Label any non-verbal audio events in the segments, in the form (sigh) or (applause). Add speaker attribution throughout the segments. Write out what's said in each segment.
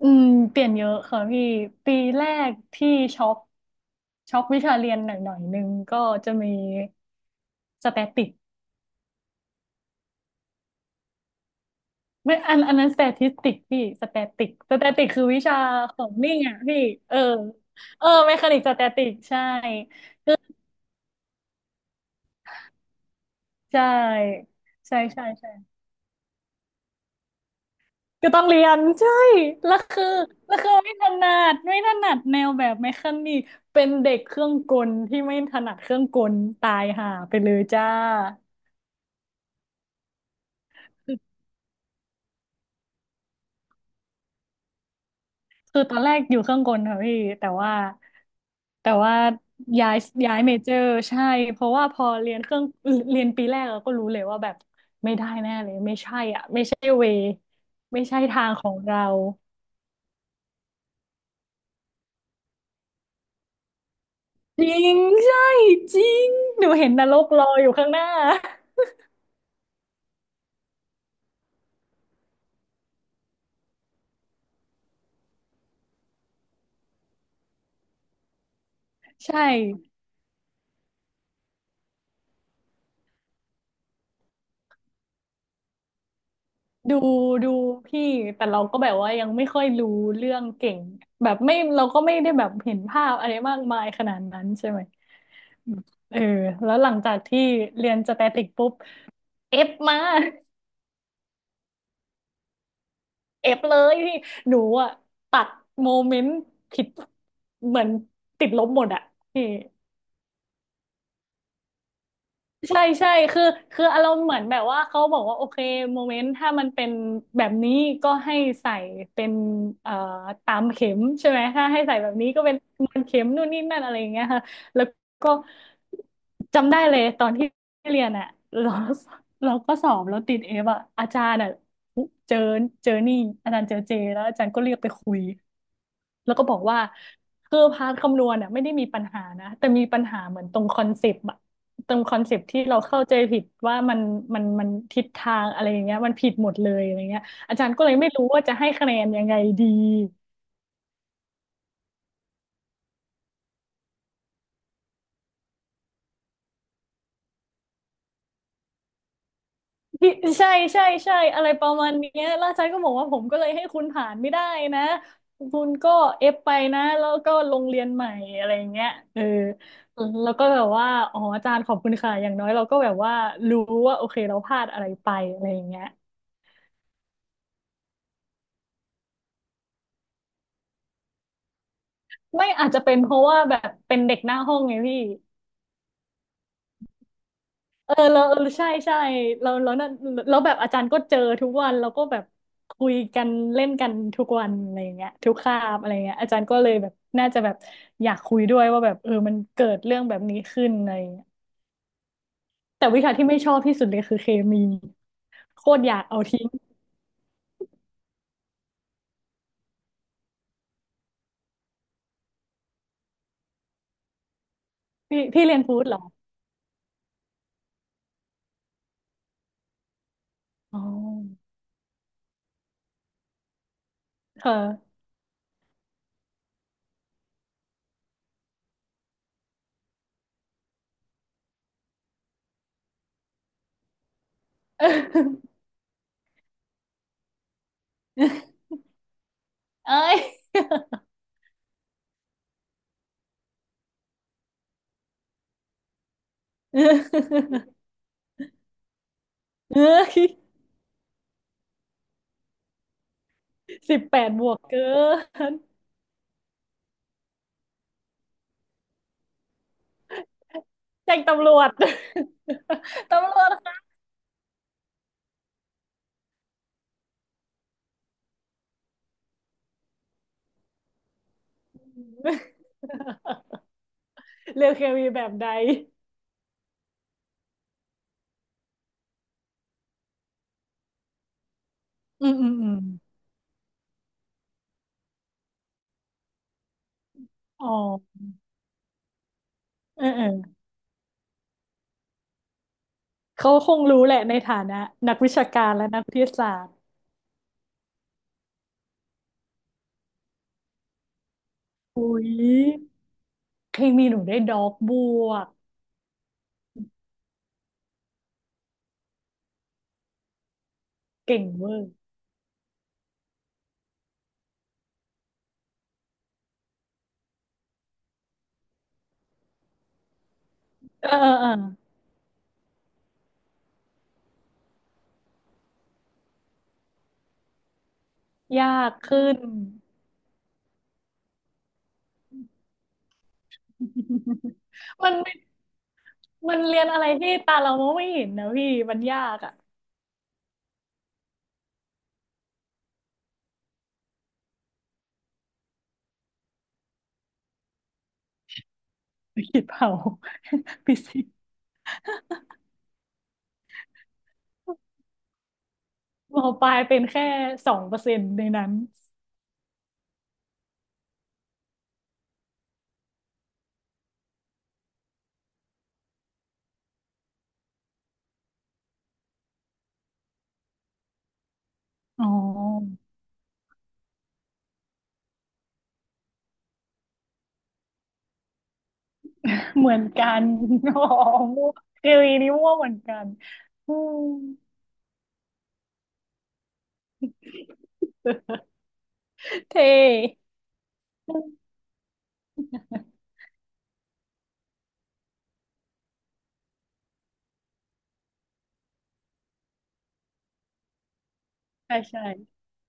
Speaker 1: อืมเปลี่ยนเยอะค่ะพี่ปีแรกที่ช็อกช็อกวิชาเรียนหน่อยหน่อยนึงก็จะมีสแตติกไม่อันนั้นสแตติสติกพี่สแตติกคือวิชาของนิ่งอ่ะพี่เออเออเมคานิกสแตติกใช่ใช่ใช่ใช่ใช่ก็ต้องเรียนใช่แล้วคือแล้วคือไม่ถนัดไม่ถนัดแนวแบบเมคานิกเป็นเด็กเครื่องกลที่ไม่ถนัดเครื่องกลตายห่าไปเลยจ้า คือตอนแรกอยู่เครื่องกลค่ะพี่แต่ว่าย้ายย้ายเมเจอร์ใช่เพราะว่าพอเรียนเครื่องเรียนปีแรกเราก็รู้เลยว่าแบบไม่ได้แน่เลยไม่ใช่อ่ะไม่ใช่เวไม่ใช่ทางของเราจริงใช่จริงหนูเห็นนรกรออยู่ข้างหน้า (laughs) ใช่ดูดูพี่แต่เราก็แบบว่ายังไม่ค่อยรู้เรื่องเก่งแบบไม่เราก็ไม่ได้แบบเห็นภาพอะไรมากมายขนาดนั้นใช่ไหม เออแล้วหลังจากที่เรียนสแตติกปุ๊บเอฟมาเอฟเลยพี่หนูอ่ะตัดโมเมนต์ผิดเหมือนติดลบหมดอ่ะพี่ ใช่ใช่คือคืออารมณ์เหมือนแบบว่าเขาบอกว่าโอเคโมเมนต์ถ้ามันเป็นแบบนี้ก็ให้ใส่เป็นเอ่อตามเข็มใช่ไหมถ้าให้ใส่แบบนี้ก็เป็นมันเข็มนู่นนี่นั่นอะไรอย่างเงี้ยค่ะแล้วก็จำได้เลยตอนที่เรียนอ่ะเราเราก็สอบแล้วติดเอฟอ่ะอาจารย์อ่ะเจอนี่อาจารย์เจอเจแล้วอาจารย์ก็เรียกไปคุยแล้วก็บอกว่าคือพาร์ทคำนวณอ่ะไม่ได้มีปัญหานะแต่มีปัญหาเหมือนตรงคอนเซปต์ ตรงคอนเซปต์ที่เราเข้าใจผิดว่ามันทิศทางอะไรอย่างเงี้ยมันผิดหมดเลยอะไรเงี้ยอาจารย์ก็เลยไม่รู้ว่าจะให้คะแนนยังไงดี (laughs) พี่ใช่ใช่ใช่อะไรประมาณเนี้ยแล้วอาจารย์ก็บอกว่าผมก็เลยให้คุณผ่านไม่ได้นะคุณก็เอฟไปนะแล้วก็ลงเรียนใหม่อะไรอย่างเงี้ยเออแล้วก็แบบว่าอ๋ออาจารย์ขอบคุณค่ะอย่างน้อยเราก็แบบว่ารู้ว่าโอเคเราพลาดอะไรไปอะไรอย่างเงี้ยไม่อาจจะเป็นเพราะว่าแบบเป็นเด็กหน้าห้องไงพี่ เออเราเออใช่ใช่เรานั่นแแบบอาจารย์ก็เจอทุกวันเราก็แบบคุยกันเล่นกันทุกวันอะไรอย่างเงี้ยทุกคาบอะไรเงี้ยอาจารย์ก็เลยแบบน่าจะแบบอยากคุยด้วยว่าแบบเออมันเกิดเรื่องแบบนี้ขึ้นอะไรอย่างเงี้ยแต่วิชาที่ไม่ชอบที่สุดเลยคือเคมีโคตรอยากเอาทิ้งพี่เรียนฟู้ดเหรออ๋อค่ะ (laughs) เอ้ (laughs) ยเอ้ย (laughs) 18บวกเกินแจ้งตำรวจ (laughs) ตำรวจ (laughs) เลือกเคมีแบบใดอืมอืมอืมอ๋อเออเออเขาคงรู้แหละในฐานะนักวิชาการและนักวิทยาศาสตร์อุ้ยเคมีหนูได้ด็อกบวกเก่งเวอร์เออเออเออยากขึ้น (laughs) มันไม่มันเรียนอะไรที่ตาเรามองไม่เห็นนะพี่มันยากอะคิดฤตเผา (laughs) ฟิสิกส์มปลายเป็นแค่2%ในนั้น อ๋อ เหมือนกัน (laughs) อ๋อมั่วเกลีนี้มั่วเหมือนกันอืมเท่ใช่ใช่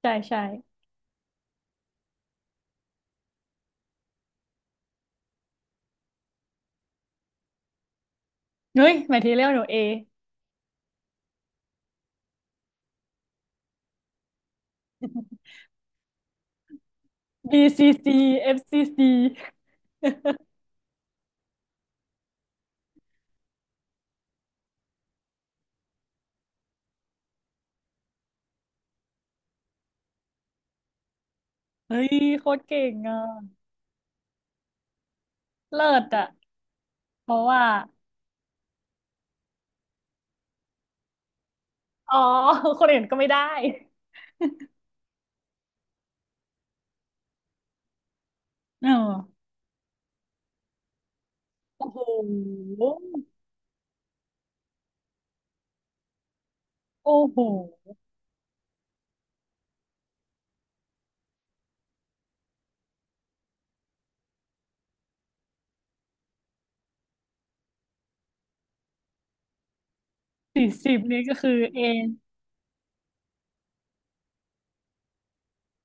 Speaker 1: ใช่ใช่เฮ้ยหมายทีเรียกหนู A BCC FCC FCCเฮ้ยโคตรเก่งอ่ะเลิศอ่ะเพราะว่า อ๋อ คนอื่นก็ไม่ได้เออโอ้โห โอ้โห40นี่ก็คือเอ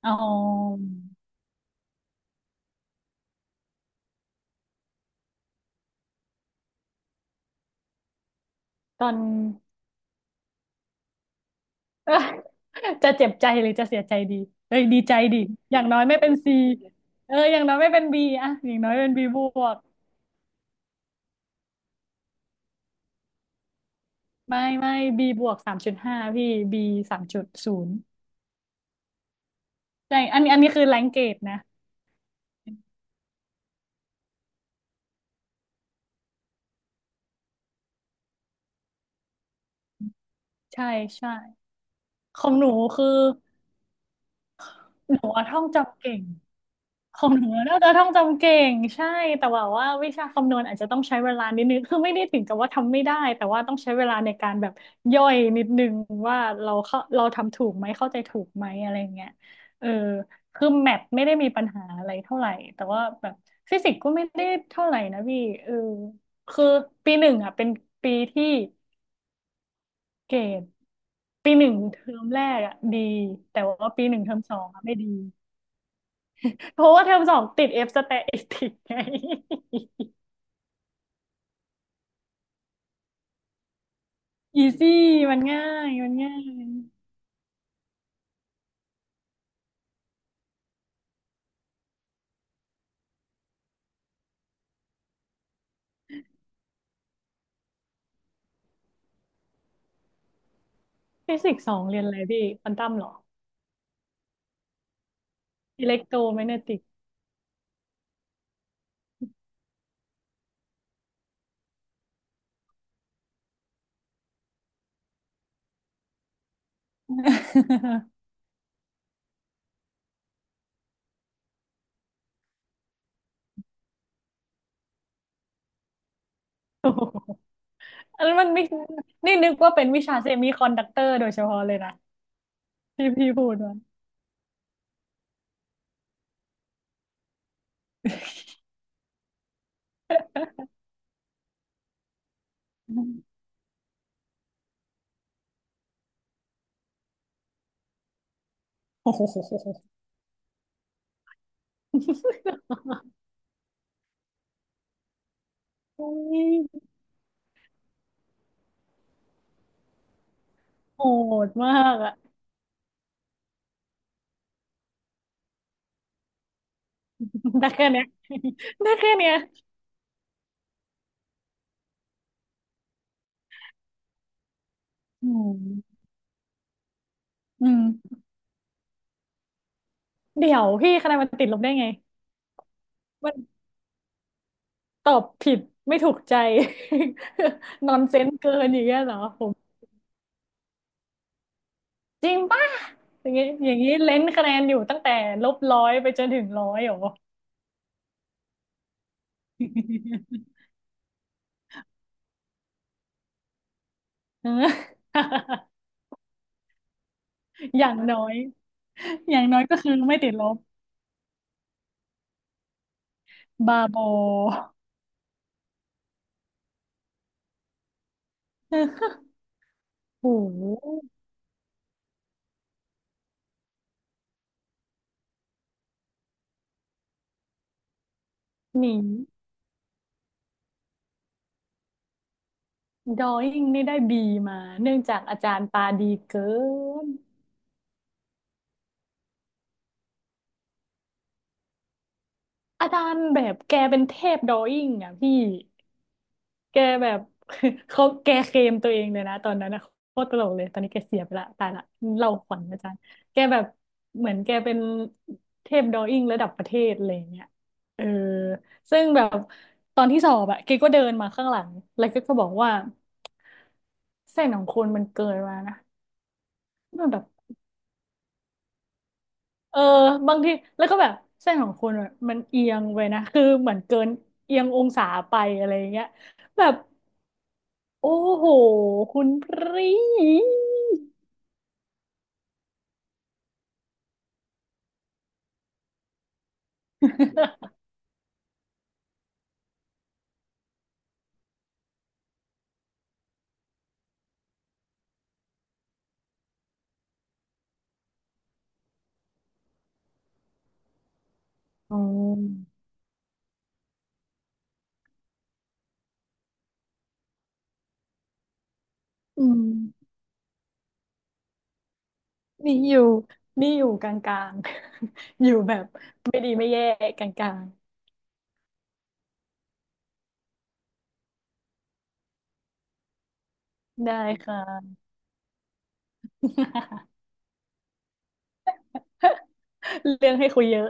Speaker 1: อ๋อ ตอน เออจะเจ็บใจหรือจะเสียใจดีเอ้ยดีใจดิอย่างน้อยไม่เป็นซีเอออย่างน้อยไม่เป็นบีอะอย่างน้อยเป็นบีบวก ไม่ไม่บีบวก3.5พี่บี3.0ใช่ อันนี้อันนี้คือแรงเกรดนะ ใช่ใช่ของหนูคือหนูอะท่องจำเก่ง ของหนูน่าจะท่องจำเก่งใช่แต่ว่าว่าวิชาคำนวณอาจจะต้องใช้เวลานิดนึงคือไม่ได้ถึงกับว่าทำไม่ได้แต่ว่าต้องใช้เวลาในการแบบย่อยนิดนึงว่าเราเข้าเราทำถูกไหมเข้าใจถูกไหมอะไรเงี้ยเออคือแมทไม่ได้มีปัญหาอะไรเท่าไหร่แต่ว่าแบบฟิสิกส์ก็ไม่ได้เท่าไหร่นะพี่เออคือปีหนึ่งอ่ะเป็นปีที่เกรดปีหนึ่งเทอมแรกอ่ะดีแต่ว่าปีหนึ่งเทอมสองอ่ะไม่ดี เพราะว่าเทอมสองติด F สแตติกไงอีซี่มันง่ายมันง่ายฟิสิกส์สองเรียนอะไรพี่ควอนตัมเหรออิเล็กโทรแมกเนติก (laughs) โอ้โห (laughs) อันนั้นมันไม่นี่นึกว่าเป็นวิชาเซมิคอนดักเตอร์โดยเฉพาะเลยนะที่พี่พูดมาโอ้โหโอุยโหดมากอะได้แค่เนี้ยได้แค่เนี้ยอืมอืมเดี๋ยวพี่คะแนนมันติดลบได้ไง ตอบผิดไม่ถูกใจ (laughs) นอนเซนเกินอย่างเงี้ยเหรอผมจริงป่ะอย่างงี้อย่างงี้เลนส์คะแนนอยู่ตั้งแต่ลบร้อยไปจนถึงร้อยเหรอ (laughs) เออ (laughs) อย่างน้อยอย่างน้อยก็คือไม่ติดลบบาโบอ (laughs) โอ้โหหนีดรอยิ่งนี่ได้บีมาเนื่องจากอาจารย์ตาดีเกินอาจารย์แบบแกเป็นเทพดรอยิ่งอ่ะพี่ แกแบบ (laughs) เขาแกเคลมตัวเองเลยนะตอนนั้นนะโคตรตลกเลยตอนนี้แกเสียไปละตายละเล่าขวัญอาจารย์แกแบบเหมือนแกเป็นเทพดรออิ่งระดับประเทศอะไรอย่างเงี้ยเออซึ่งแบบตอนที่สอบอะแกก็เดินมาข้างหลังแล้วแกก็บอกว่าเส้นของคุณมันเกินมานะมันแบบเออบางทีแล้วก็แบบเส้นของคุณอะมันเอียงไปนะคือเหมือนเกินเอียงองศาไปอะไรอย่างเงี้ยแบบโอ้โหคุณพรี (laughs) อ๋ออืมนี่อยู่นี่อยู่กลางๆ (laughs) อยู่แบบไม่ดีไม่แย่กลางๆได้ค่ะ (laughs) เรื่องให้คุยเยอะ